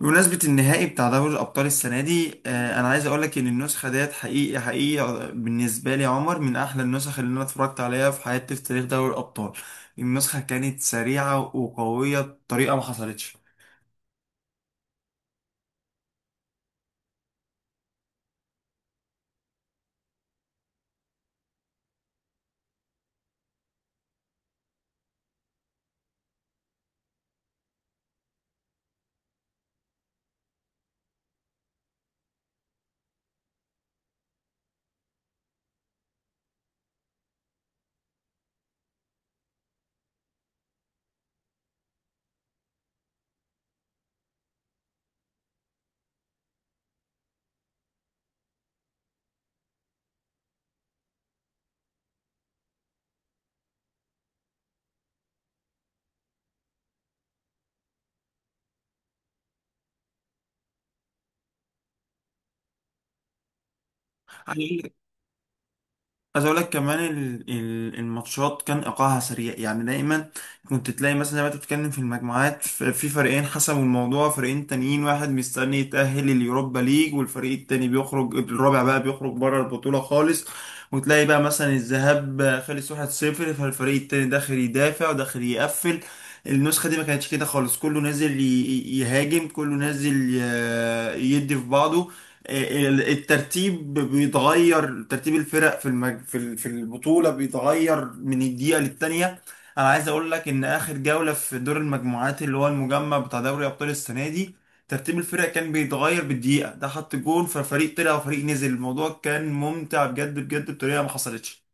بمناسبة النهائي بتاع دوري الأبطال السنة دي، أنا عايز أقولك إن النسخة ديت حقيقي حقيقي بالنسبة لي يا عمر، من أحلى النسخ اللي أنا اتفرجت عليها في حياتي في تاريخ دوري الأبطال. النسخة كانت سريعة وقوية بطريقة ما حصلتش. عايز اقول لك كمان، الماتشات كان ايقاعها سريع يعني دايما، كنت تلاقي مثلا زي ما انت بتتكلم في المجموعات، في فريقين حسموا الموضوع، فريقين تانيين واحد مستني يتأهل اليوروبا ليج، والفريق التاني بيخرج الرابع بقى بيخرج بره البطولة خالص. وتلاقي بقى مثلا الذهاب خلص 1-0، فالفريق التاني داخل يدافع وداخل يقفل. النسخة دي ما كانتش كده خالص، كله نازل يهاجم، كله نازل يدي في بعضه. الترتيب بيتغير، ترتيب الفرق في المج... في ال- في البطولة بيتغير من الدقيقة للتانية. انا عايز اقول لك ان اخر جولة في دور المجموعات، اللي هو المجمع بتاع دوري ابطال السنة دي، ترتيب الفرق كان بيتغير بالدقيقة، ده حط جون ففريق طلع وفريق نزل. الموضوع كان ممتع بجد بجد بطريقة ما حصلتش.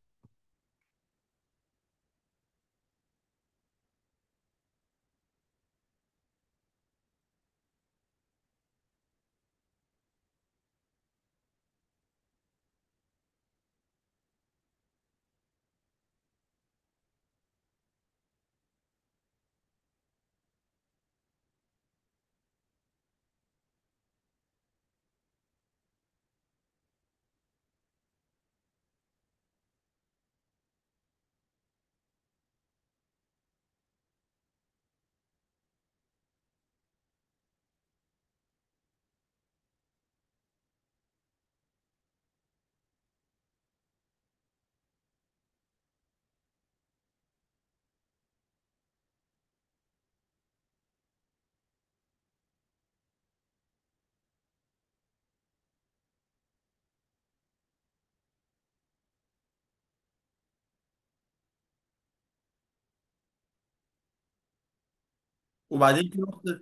وبعدين في نقطة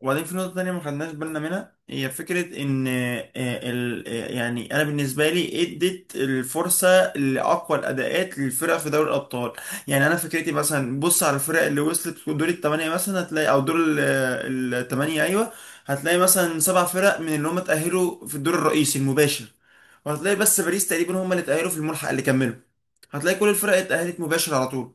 وبعدين في نقطة تانية ما خدناش بالنا منها، هي فكرة إن، يعني أنا بالنسبة لي إدت الفرصة لأقوى الأداءات للفرق في دوري الأبطال. يعني أنا فكرتي مثلا، بص على الفرق اللي وصلت دور الثمانية مثلا هتلاقي، أو دور الثمانية أيوة، هتلاقي مثلا 7 فرق من اللي هم اتأهلوا في الدور الرئيسي المباشر، وهتلاقي بس باريس تقريبا هم اللي اتأهلوا في الملحق اللي كملوا. هتلاقي كل الفرق اتأهلت مباشر على طول.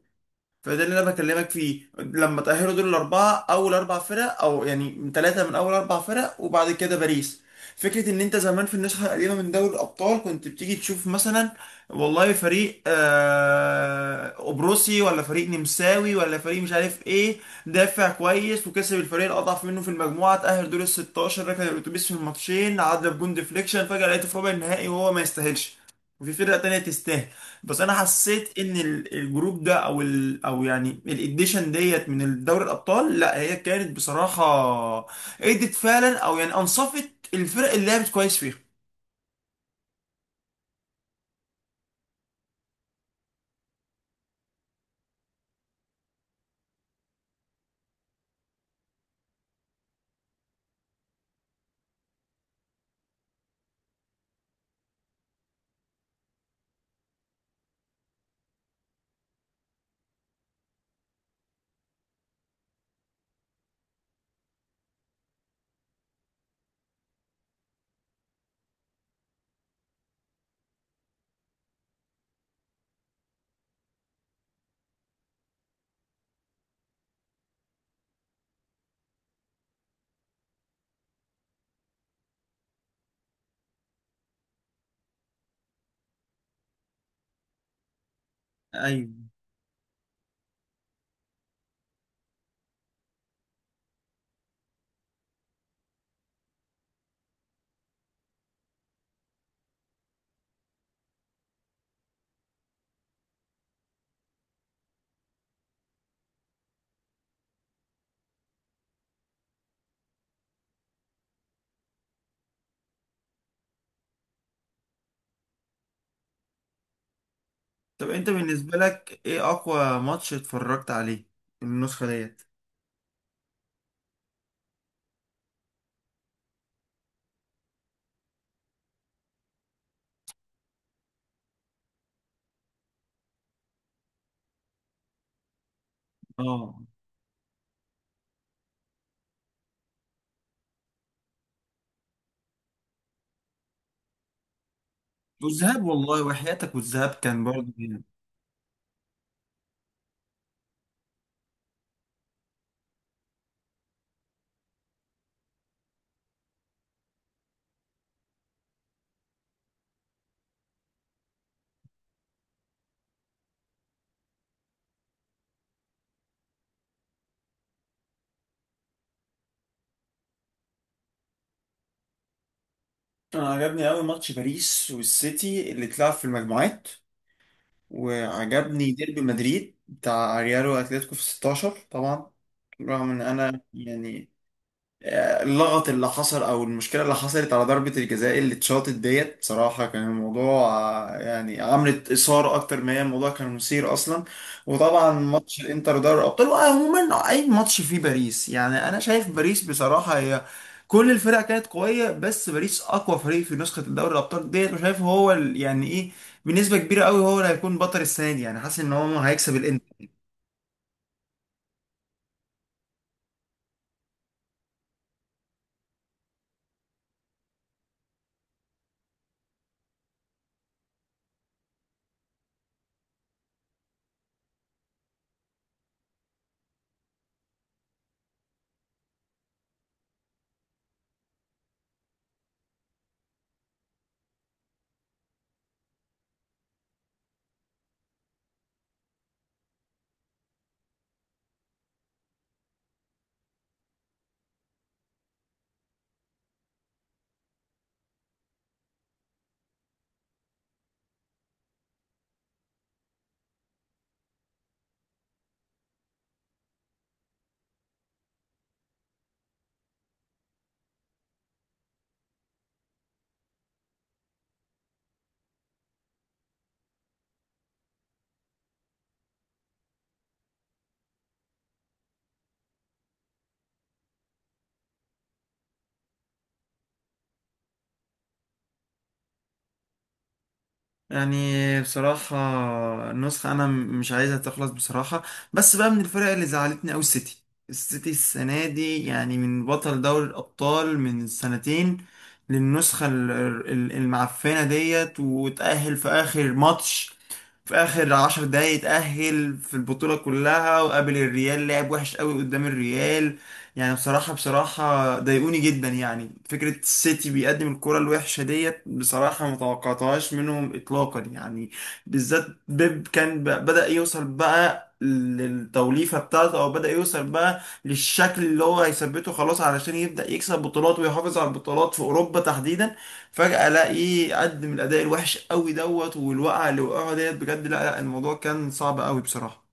فده اللي انا بكلمك فيه، لما تأهلوا دول الاربعه اول اربع فرق، او يعني ثلاثه من اول اربع فرق وبعد كده باريس. فكره ان انت زمان في النسخه القديمه من دوري الابطال، كنت بتيجي تشوف مثلا، والله فريق قبرصي ولا فريق نمساوي ولا فريق مش عارف ايه، دافع كويس وكسب الفريق الاضعف منه في المجموعه، تأهل دور ال 16، ركن الاتوبيس في الماتشين، عدى بجون ديفليكشن، فجاه لقيته في ربع النهائي وهو ما يستاهلش، وفي فرقه تانيه تستاهل. بس انا حسيت ان الجروب ده، او ال او يعني الاديشن ديت من دوري الابطال، لا هي كانت بصراحه ادت فعلا، او يعني انصفت الفرق اللي لعبت كويس فيها. ايوه. طب انت بالنسبه لك ايه اقوى ماتش اتفرجت عليه من النسخه ديت؟ اه. والذهاب، والله وحياتك، والذهاب كان برضه جامد. انا عجبني قوي ماتش باريس والسيتي اللي اتلعب في المجموعات، وعجبني ديربي مدريد بتاع ريال واتلتيكو في 16 طبعا. رغم ان انا يعني، اللغط اللي حصل او المشكله اللي حصلت على ضربه الجزاء اللي اتشاطت ديت بصراحه، كان الموضوع، يعني عملت اثاره اكتر ما هي، الموضوع كان مثير اصلا. وطبعا ماتش الانتر دوري الابطال، وعموما اي ماتش فيه باريس، يعني انا شايف باريس بصراحه هي، كل الفرق كانت قويه، بس باريس اقوى فريق في نسخه الدوري الابطال ديت، وشايف هو يعني ايه، بنسبه كبيره قوي هو اللي هيكون بطل السنه دي، يعني حاسس ان هو هيكسب. يعني بصراحة، النسخة أنا مش عايزها تخلص بصراحة. بس بقى من الفرق اللي زعلتني أوي السيتي. السيتي السنة دي يعني، من بطل دوري الأبطال من سنتين، للنسخة المعفنة ديت، وتأهل في آخر ماتش، في اخر 10 دقايق اتأهل في البطولة كلها، وقابل الريال، لعب وحش قوي قدام الريال. يعني بصراحة بصراحة ضايقوني جدا، يعني فكرة السيتي بيقدم الكرة الوحشة ديت، بصراحة ما توقعتهاش منهم اطلاقا يعني. بالذات بيب كان بدأ يوصل بقى للتوليفة بتاعته، او بدأ يوصل بقى للشكل اللي هو هيثبته خلاص، علشان يبدأ يكسب بطولات ويحافظ على البطولات في اوروبا تحديدا. فجأة الاقيه قدم الاداء الوحش قوي دوت، والوقعة اللي وقعها ديت بجد، لا لا، الموضوع كان صعب قوي بصراحة.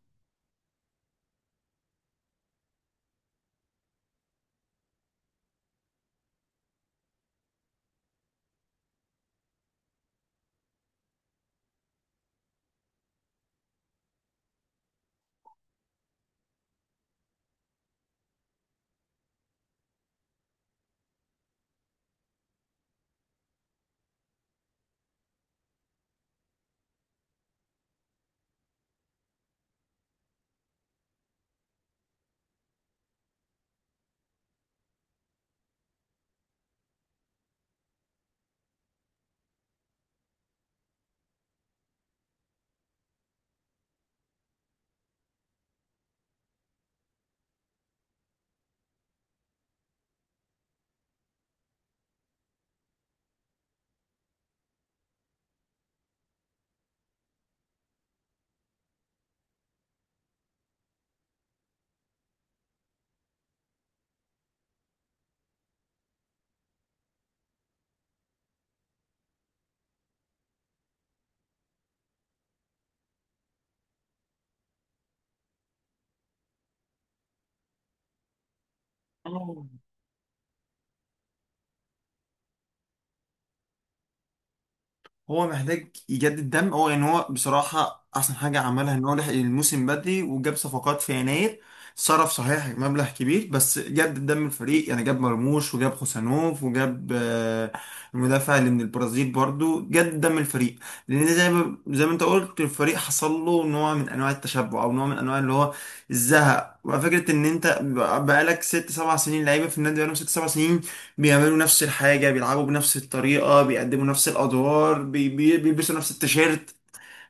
هو محتاج يجدد دم، هو يعني هو بصراحة أحسن حاجة عملها إن هو لحق الموسم بدري وجاب صفقات في يناير. صرف صحيح مبلغ كبير، بس جدد دم الفريق، يعني جاب مرموش وجاب خوسانوف وجاب، المدافع اللي من البرازيل، برضو جدد دم الفريق. لأن زي ما أنت قلت، الفريق حصل له نوع من أنواع التشبع أو نوع من أنواع اللي هو الزهق، وفكرة إن أنت بقالك ست سبع سنين لعيبة في النادي، بقالهم ست سبع سنين بيعملوا نفس الحاجة، بيلعبوا بنفس الطريقة، بيقدموا نفس الأدوار، بيلبسوا نفس التيشيرت.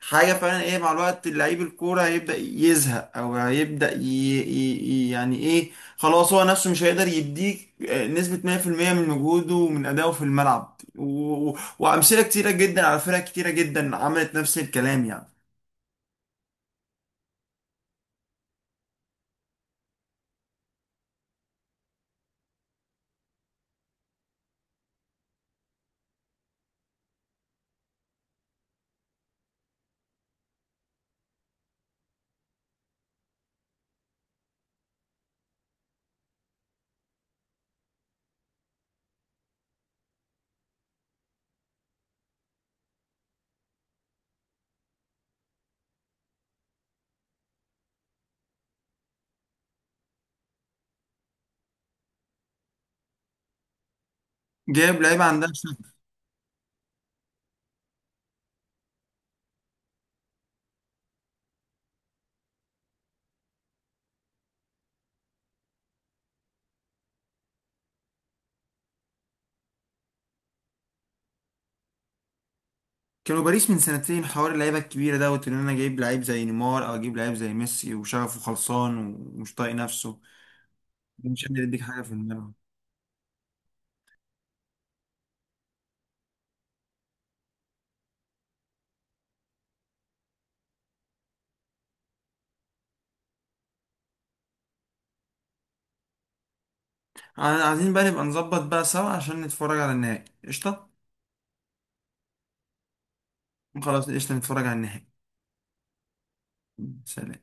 حاجة فعلا إيه، مع الوقت لعيب الكورة هيبدأ يزهق أو هيبدأ يعني إيه، خلاص هو نفسه مش هيقدر يديك نسبة 100% من مجهوده ومن أدائه في الملعب، وأمثلة كتيرة جدا على فرق كتيرة جدا عملت نفس الكلام يعني. جايب لعيبة عندها شغف. كانوا باريس من سنتين حوار اللعيبة الكبيرة دوت، إن أنا جايب لعيب زي نيمار أو أجيب لعيب زي ميسي وشغفه خلصان ومش طايق نفسه، مش قادر يديك حاجة في الملعب. عايزين بقى نبقى نظبط بقى سوا عشان نتفرج على النهائي قشطة. خلاص قشطة، نتفرج على النهائي. سلام.